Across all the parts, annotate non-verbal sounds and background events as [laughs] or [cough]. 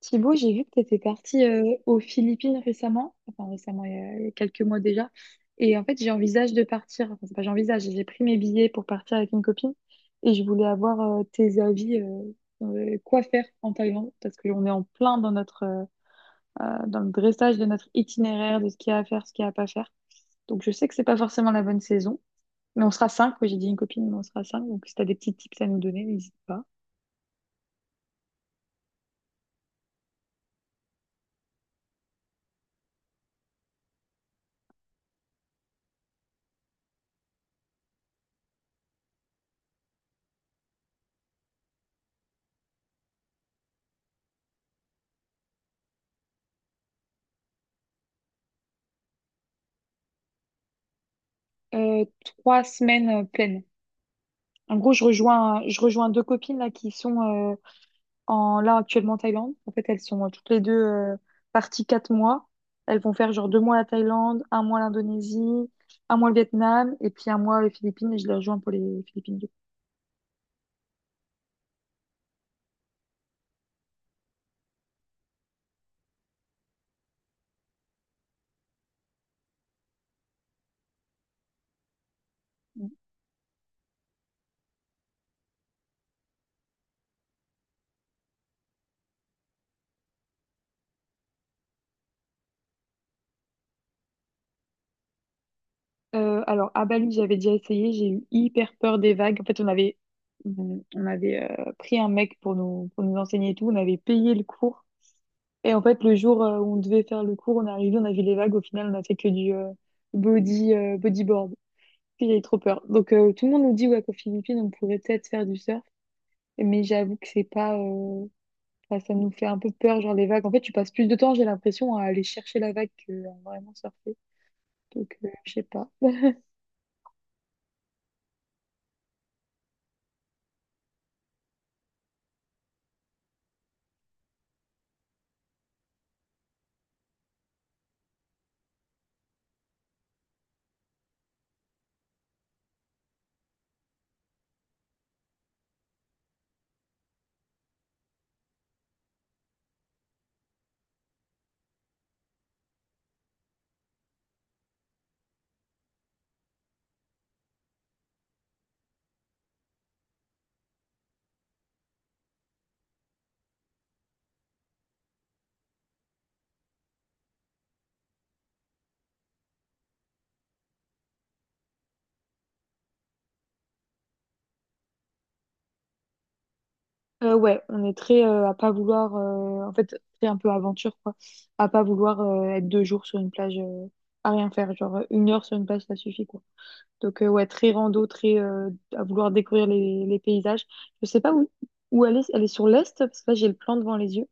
Thibaut, j'ai vu que tu étais parti aux Philippines récemment, enfin récemment, il y a quelques mois déjà. Et en fait, j'envisage de partir, enfin, c'est pas j'envisage, j'ai pris mes billets pour partir avec une copine et je voulais avoir tes avis, quoi faire en Thaïlande, parce qu'on est en plein dans dans le dressage de notre itinéraire, de ce qu'il y a à faire, ce qu'il y a à pas faire. Donc, je sais que c'est pas forcément la bonne saison, mais on sera cinq. Oui, j'ai dit une copine, mais on sera cinq. Donc, si tu as des petits tips à nous donner, n'hésite pas. 3 semaines pleines. En gros, je rejoins deux copines là qui sont en là actuellement en Thaïlande. En fait, elles sont toutes les deux parties 4 mois. Elles vont faire genre 2 mois la Thaïlande, 1 mois l'Indonésie, 1 mois le Vietnam et puis 1 mois les Philippines. Et je les rejoins pour les Philippines du coup. Alors à Bali, j'avais déjà essayé. J'ai eu hyper peur des vagues. En fait, on avait pris un mec pour nous enseigner et tout. On avait payé le cours. Et en fait, le jour où on devait faire le cours, on est arrivé, on a vu les vagues. Au final, on a fait que du bodyboard. Puis j'avais trop peur. Donc, tout le monde nous dit ouais qu'aux Philippines, on pourrait peut-être faire du surf. Mais j'avoue que c'est pas, enfin, ça nous fait un peu peur, genre les vagues. En fait, tu passes plus de temps, j'ai l'impression, à aller chercher la vague que à vraiment surfer. Donc, je sais pas. Ouais, on est très à pas vouloir, en fait, c'est un peu aventure, quoi. À pas vouloir être 2 jours sur une plage à rien faire. Genre, 1 heure sur une plage, ça suffit, quoi. Donc, ouais, très rando, très à vouloir découvrir les paysages. Je sais pas où elle est. Elle est sur l'est, parce que là, j'ai le plan devant les yeux.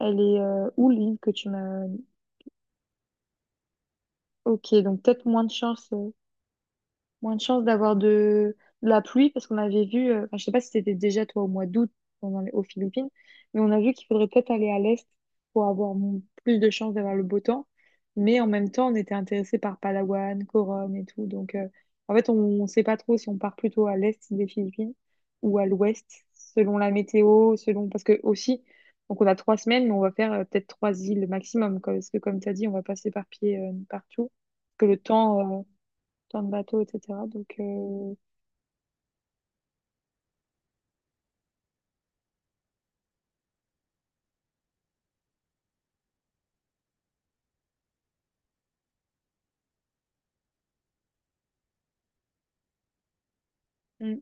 Elle est où, l'île que tu m'as... Ok, donc peut-être moins de chances d'avoir de la pluie, parce qu'on avait vu, enfin, je sais pas si c'était déjà toi au mois d'août aux Philippines, mais on a vu qu'il faudrait peut-être aller à l'est pour avoir plus de chances d'avoir le beau temps. Mais en même temps, on était intéressé par Palawan, Coron et tout. Donc, en fait, on ne sait pas trop si on part plutôt à l'est des Philippines ou à l'ouest, selon la météo, selon... Parce que aussi, donc on a 3 semaines, mais on va faire peut-être trois îles maximum, quoi. Parce que comme tu as dit, on va pas s'éparpiller partout. Que le temps, plein de bateaux, etc. Donc, mm,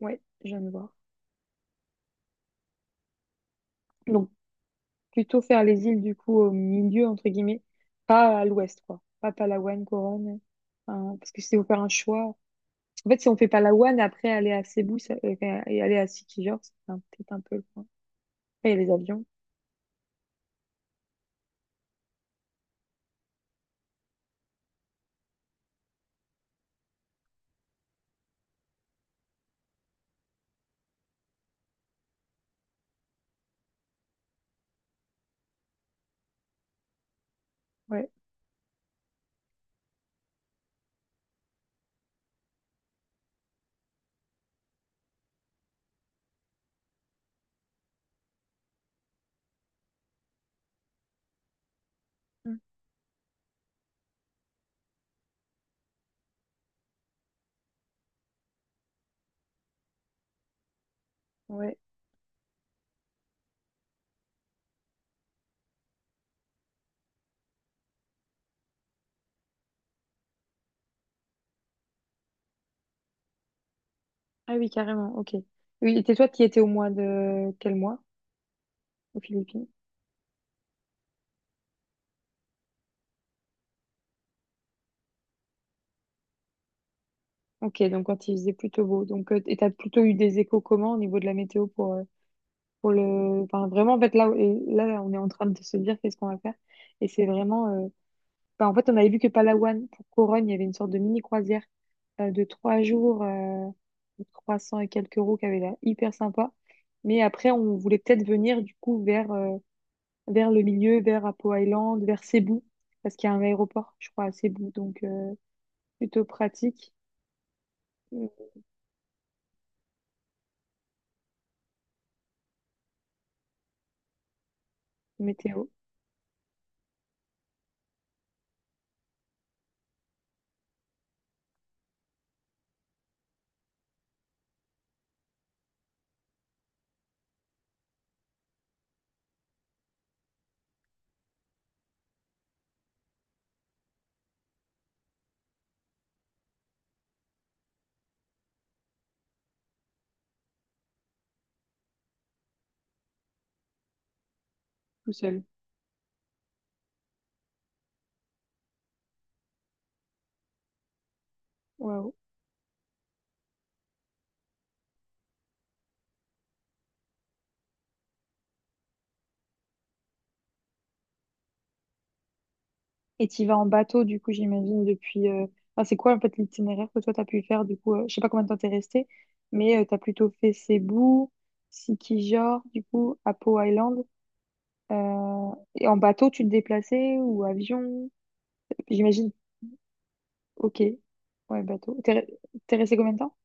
ouais, j'aime voir. Donc, plutôt faire les îles, du coup, au milieu, entre guillemets, pas à l'ouest, quoi. Pas Palawan, Coron, hein, parce que si vous faire un choix. En fait, si on fait Palawan, après aller à Cebu et aller à Sikijor, c'est peut-être un peu le point. Après, il y a les avions. Ouais. Mm, ouais. Ah oui, carrément. Ok. Oui, et toi, tu y étais au mois de quel mois aux Philippines? Ok, donc quand il faisait plutôt beau. Donc, et t'as plutôt eu des échos comment au niveau de la météo pour le, enfin, vraiment, en fait, là et là on est en train de se dire qu'est-ce qu'on va faire, et c'est vraiment, enfin, en fait, on avait vu que Palawan pour Corogne il y avait une sorte de mini croisière de 3 jours de 300 et quelques euros qui avait l'air hyper sympa, mais après on voulait peut-être venir du coup vers le milieu, vers Apo Island, vers Cebu, parce qu'il y a un aéroport je crois à Cebu, donc plutôt pratique. Euh, Météo tout seul. Waouh. Et tu vas en bateau, du coup, j'imagine, depuis... Enfin, c'est quoi, en fait, l'itinéraire que toi, tu as pu faire, du coup? Je sais pas combien de temps t'es resté, mais tu as plutôt fait Cebu, Sikijor, du coup, Apo Island. euh, Et en bateau, tu te déplaçais ou avion? J'imagine, ok. Ouais, bateau. T'es resté combien de temps?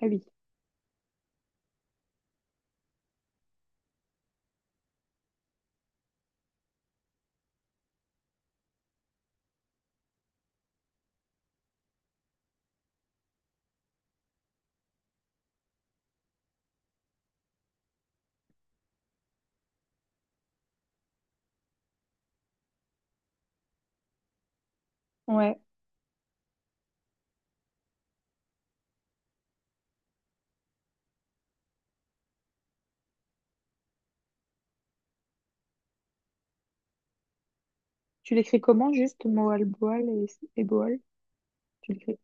Ah oui, ouais. Tu l'écris comment, juste, Moalboal et Boal? Tu l'écris,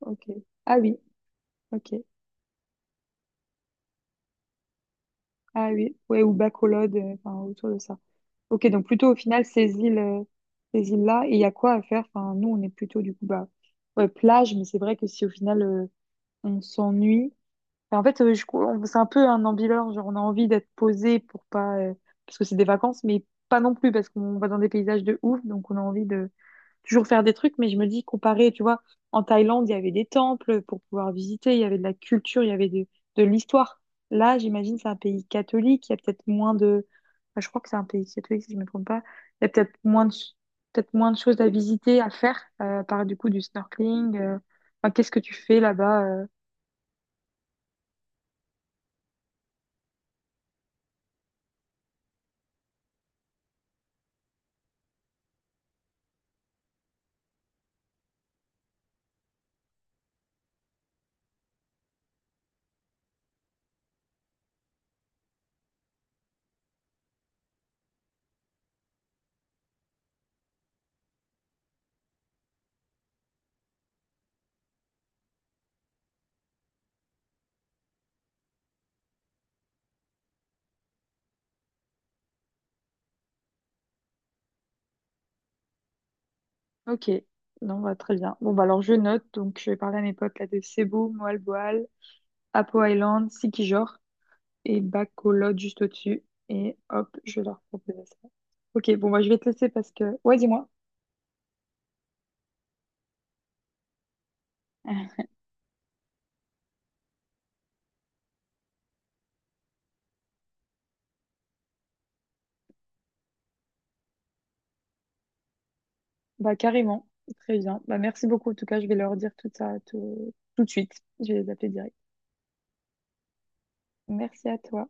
ok. Ah oui, ok. Ah oui, ouais, ou Bacolod, enfin, autour de ça. Ok, donc plutôt au final, ces îles-là, et il y a quoi à faire? Enfin, nous, on est plutôt du coup, bah, ouais, plage, mais c'est vrai que si au final, on s'ennuie. Et en fait, c'est un peu un ambileur, genre on a envie d'être posé pour pas, parce que c'est des vacances, mais pas non plus, parce qu'on va dans des paysages de ouf, donc on a envie de toujours faire des trucs, mais je me dis, comparé, tu vois, en Thaïlande, il y avait des temples pour pouvoir visiter, il y avait de la culture, il y avait de l'histoire. Là, j'imagine, c'est un pays catholique, il y a peut-être moins de... enfin, je crois que c'est un pays catholique, si je ne me trompe pas. Il y a peut-être peut-être moins de choses à visiter, à faire, par du coup du snorkeling. Enfin, qu'est-ce que tu fais là-bas? Ok, non, bah, très bien. Bon, bah, alors je note, donc je vais parler à mes potes là de Cebu, Moalboal, Apo Island, Sikijor, et Bacolod juste au-dessus. Et hop, je vais leur proposer ça. Ok, bon, bah, je vais te laisser parce que... Ouais, dis-moi. [laughs] Bah, carrément. Très bien. Bah, merci beaucoup. En tout cas, je vais leur dire tout ça tout, tout de suite. Je vais les appeler direct. Merci à toi.